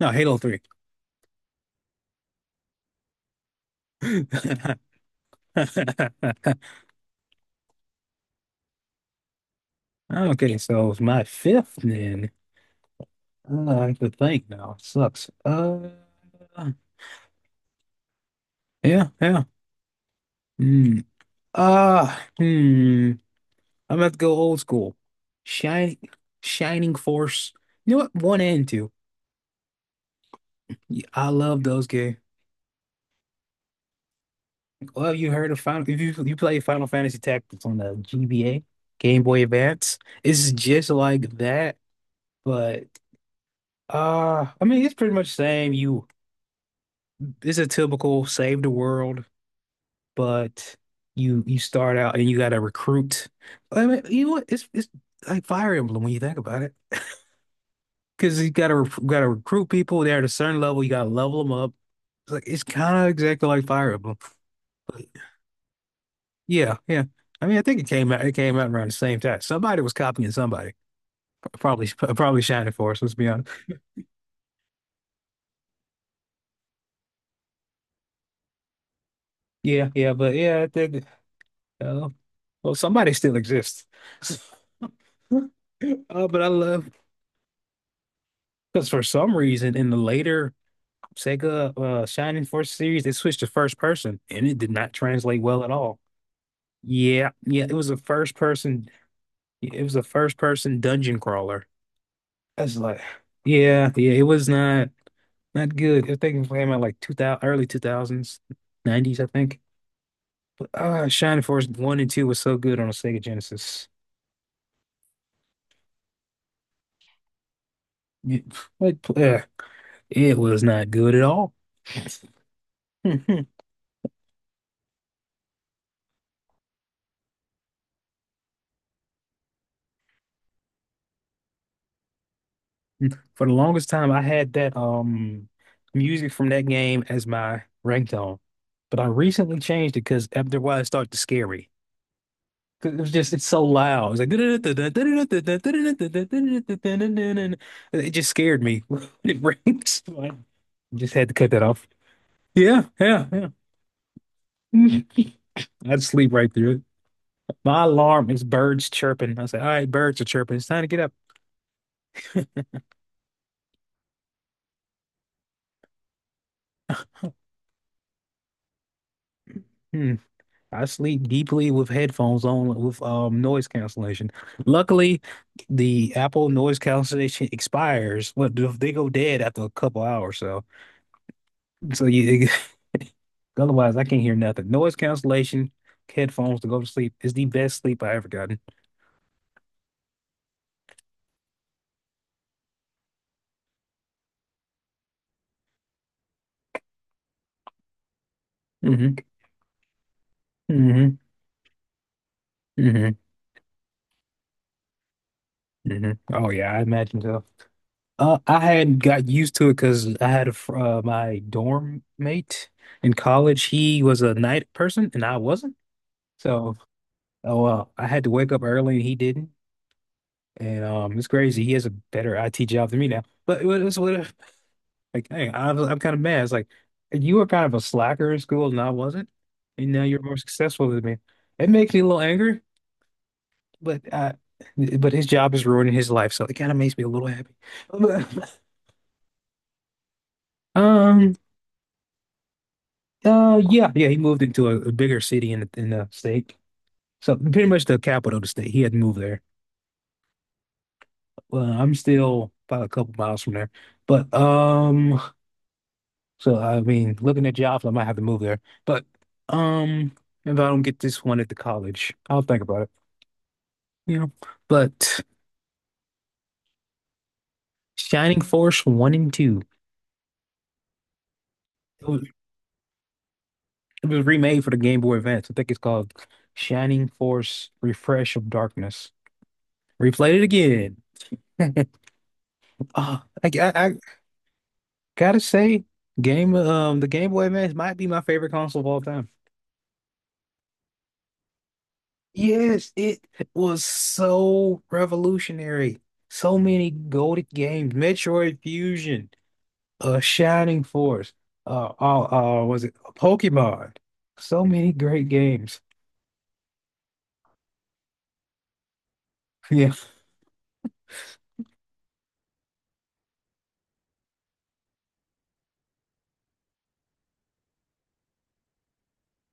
No, Halo 3. Okay, so it's my fifth then. I have to think now. It sucks. Yeah, yeah. Hmm. Uh, hmm. I'm about to go old school. Shining, Shining Force. You know what? One and two. I love those games. Well, you heard of Final? If you play Final Fantasy Tactics on the GBA, Game Boy Advance, it's just like that, but. I mean, it's pretty much the same. You it's a typical save the world, but you start out and you got to recruit. I mean, you know what? It's like Fire Emblem when you think about it, because you got to recruit people. They're at a certain level. You got to level them up. It's like, it's kind of exactly like Fire Emblem. But yeah, yeah. I mean, I think it came out. It came out around the same time. Somebody was copying somebody. Probably Shining Force. Let's be honest. Yeah, yeah. But yeah, I think. Uh, well, somebody still exists. But I love Because for some reason, in the later Sega Shining Force series, they switched to first person, and it did not translate well at all. Yeah, yeah, It was a first person dungeon crawler. That's like, yeah, yeah, it was not good. I think it came out like 2000, early 2000s, 90s, I think. But, Shining Force 1 and 2 was so good on a Sega Genesis. It, like, uh, it was not good at all. For the longest time, I had that music from that game as my ringtone, but I recently changed it because after a while it started to scare me. 'Cause It was just it's so loud. It's like, it just scared me, when it rings. So I just had to cut that off. Yeah, yeah, yeah. I'd sleep right through it. My alarm is birds chirping. I say, all right, birds are chirping. It's time to get up. Hmm. I sleep deeply with headphones on with noise cancellation. Luckily, the Apple noise cancellation expires. They go dead after a couple hours? so you otherwise I can't hear nothing. Noise cancellation headphones to go to sleep is the best sleep I ever gotten. hmm hmm hmm Oh yeah, I imagine so. I had got used to it because I had my dorm mate in college. He was a night person and I wasn't. So Oh, well, I had to wake up early and he didn't. And it's crazy. He has a better IT job than me now. But it was what if like dang, I'm kind of mad. It's like you were kind of a slacker in school and I wasn't. And now you're more successful than me. It makes me a little angry, but uh but his job is ruining his life, so it kind of makes me a little happy. um yeah, yeah, he moved into a bigger city in the state. So pretty much the capital of the state. He had to move there. Well, I'm still about a couple miles from there. But so I mean, looking at jobs, I might have to move there. But um, if I don't get this one at the college, I'll think about it. You know, but Shining Force One and Two. It was, it was remade for the Game Boy Advance. I think it's called Shining Force Refresh of Darkness. Replayed it again. Oh, I gotta say, game the Game Boy Advance might be my favorite console of all time. Yes, it was so revolutionary. So many goated games. Metroid Fusion, Shining Force, was it Pokemon? So many great games. Yeah.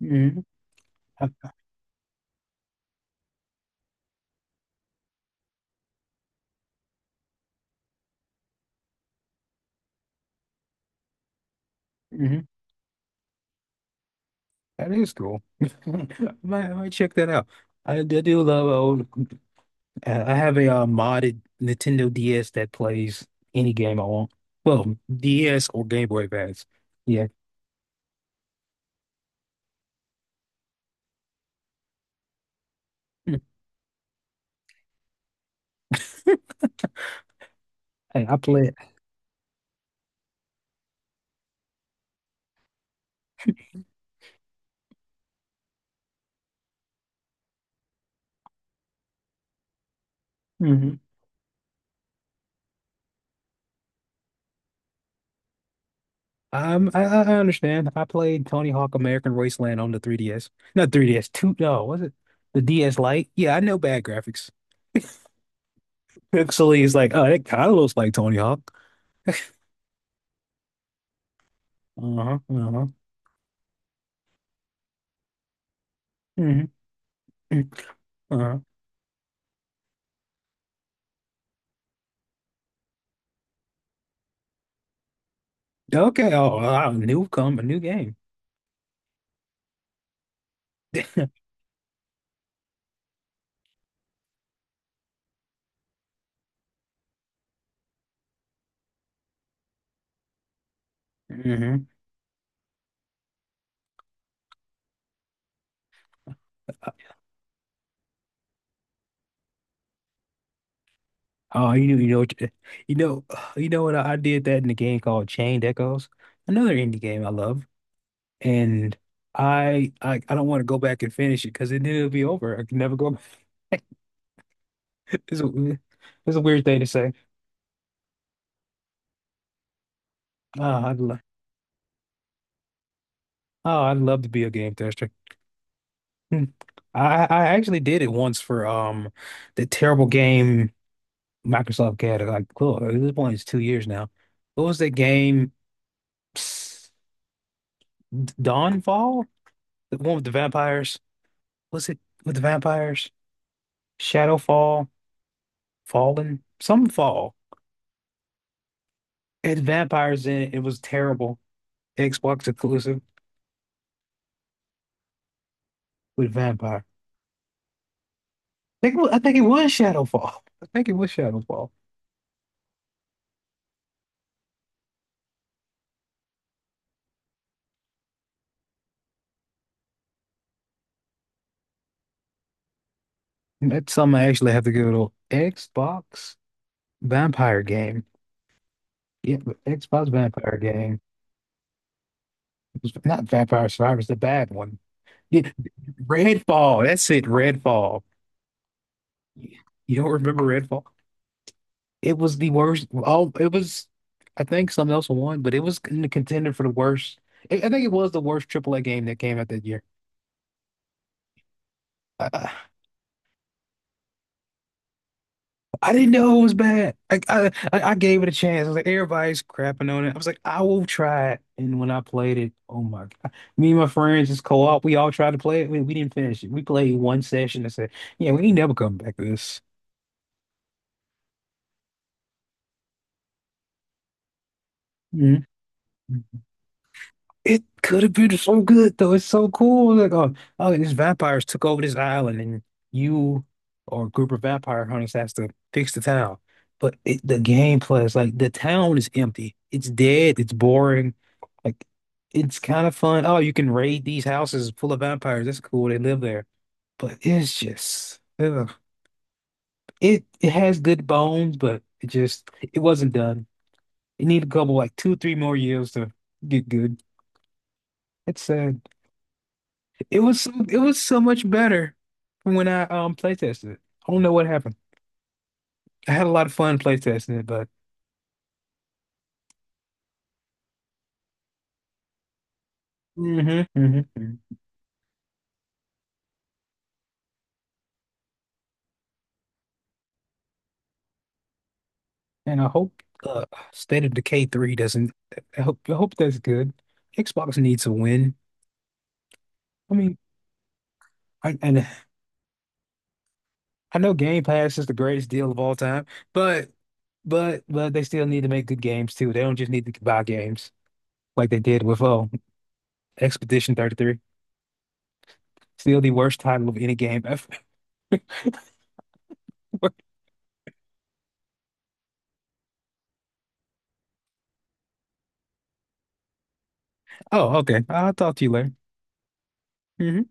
hmm That is cool. I might check that out. I do love old. I have a modded Nintendo DS that plays any game I want. Well, DS or Game Boy Advance. Yeah. Hey, I play it. Mm-hmm. I understand. I played Tony Hawk American Wasteland on the 3DS. Not 3DS, two, no, was it the DS Lite? Yeah, I know bad graphics. Pixely is like, oh, it kind of looks like Tony Hawk. Uh-huh, uh-huh, hmm, uh-huh. Okay, oh, wow, a new game. hmm Oh, what you know, you know what I did that in a game called Chained Echoes, another indie game I love, and I don't want to go back and finish it because then it'll be over. I can never go. It's a it's a weird thing to say. Oh, I'd love to be a game tester. Hmm. I actually did it once for the terrible game Microsoft had. Like, cool, this one is 2 years now. What was that game? Psst, Dawnfall? The one with the vampires? Was it with the vampires? Shadowfall? Fallen? Some fall. It had vampires in it. It was terrible. Xbox exclusive with vampire. I think it was Shadowfall. I think it was Shadowfall. That's something I actually have to give it a Xbox Vampire game. Yeah, the Xbox Vampire game. It was not Vampire Survivors, the bad one. Yeah, Redfall. That's it, Redfall. You don't remember Redfall? It was the worst. Oh, it was. I think something else won, but it was in the contender for the worst. I think it was the worst AAA game that came out that year. Uh, I didn't know it was bad. I gave it a chance. I was like, everybody's crapping on it. I was like, I will try it. And when I played it, oh my God. Me and my friends just co-op. We all tried to play it. We didn't finish it. We played one session and said, yeah, we ain't never come back to this. Mhm. It could have been so good though. It's so cool. Like, oh, these vampires took over this island, and you or a group of vampire hunters has to fix the town. But the gameplay is like the town is empty. It's dead. It's boring. Like, it's kind of fun. Oh, you can raid these houses full of vampires. That's cool. They live there. But it's just ugh. It has good bones, but it just it wasn't done. It needed a couple like two, three more years to get good. It's sad. It was so much better from when I play tested it. I don't know what happened. I had a lot of fun play testing it, but. hmm hmm And I hope State of Decay 3 doesn't. I hope that's good. Xbox needs a win. I mean, and I know Game Pass is the greatest deal of all time, but but they still need to make good games too. They don't just need to buy games like they did with Expedition 33. Still the worst title of any game ever. Oh, okay. I'll talk to you later. Mhm.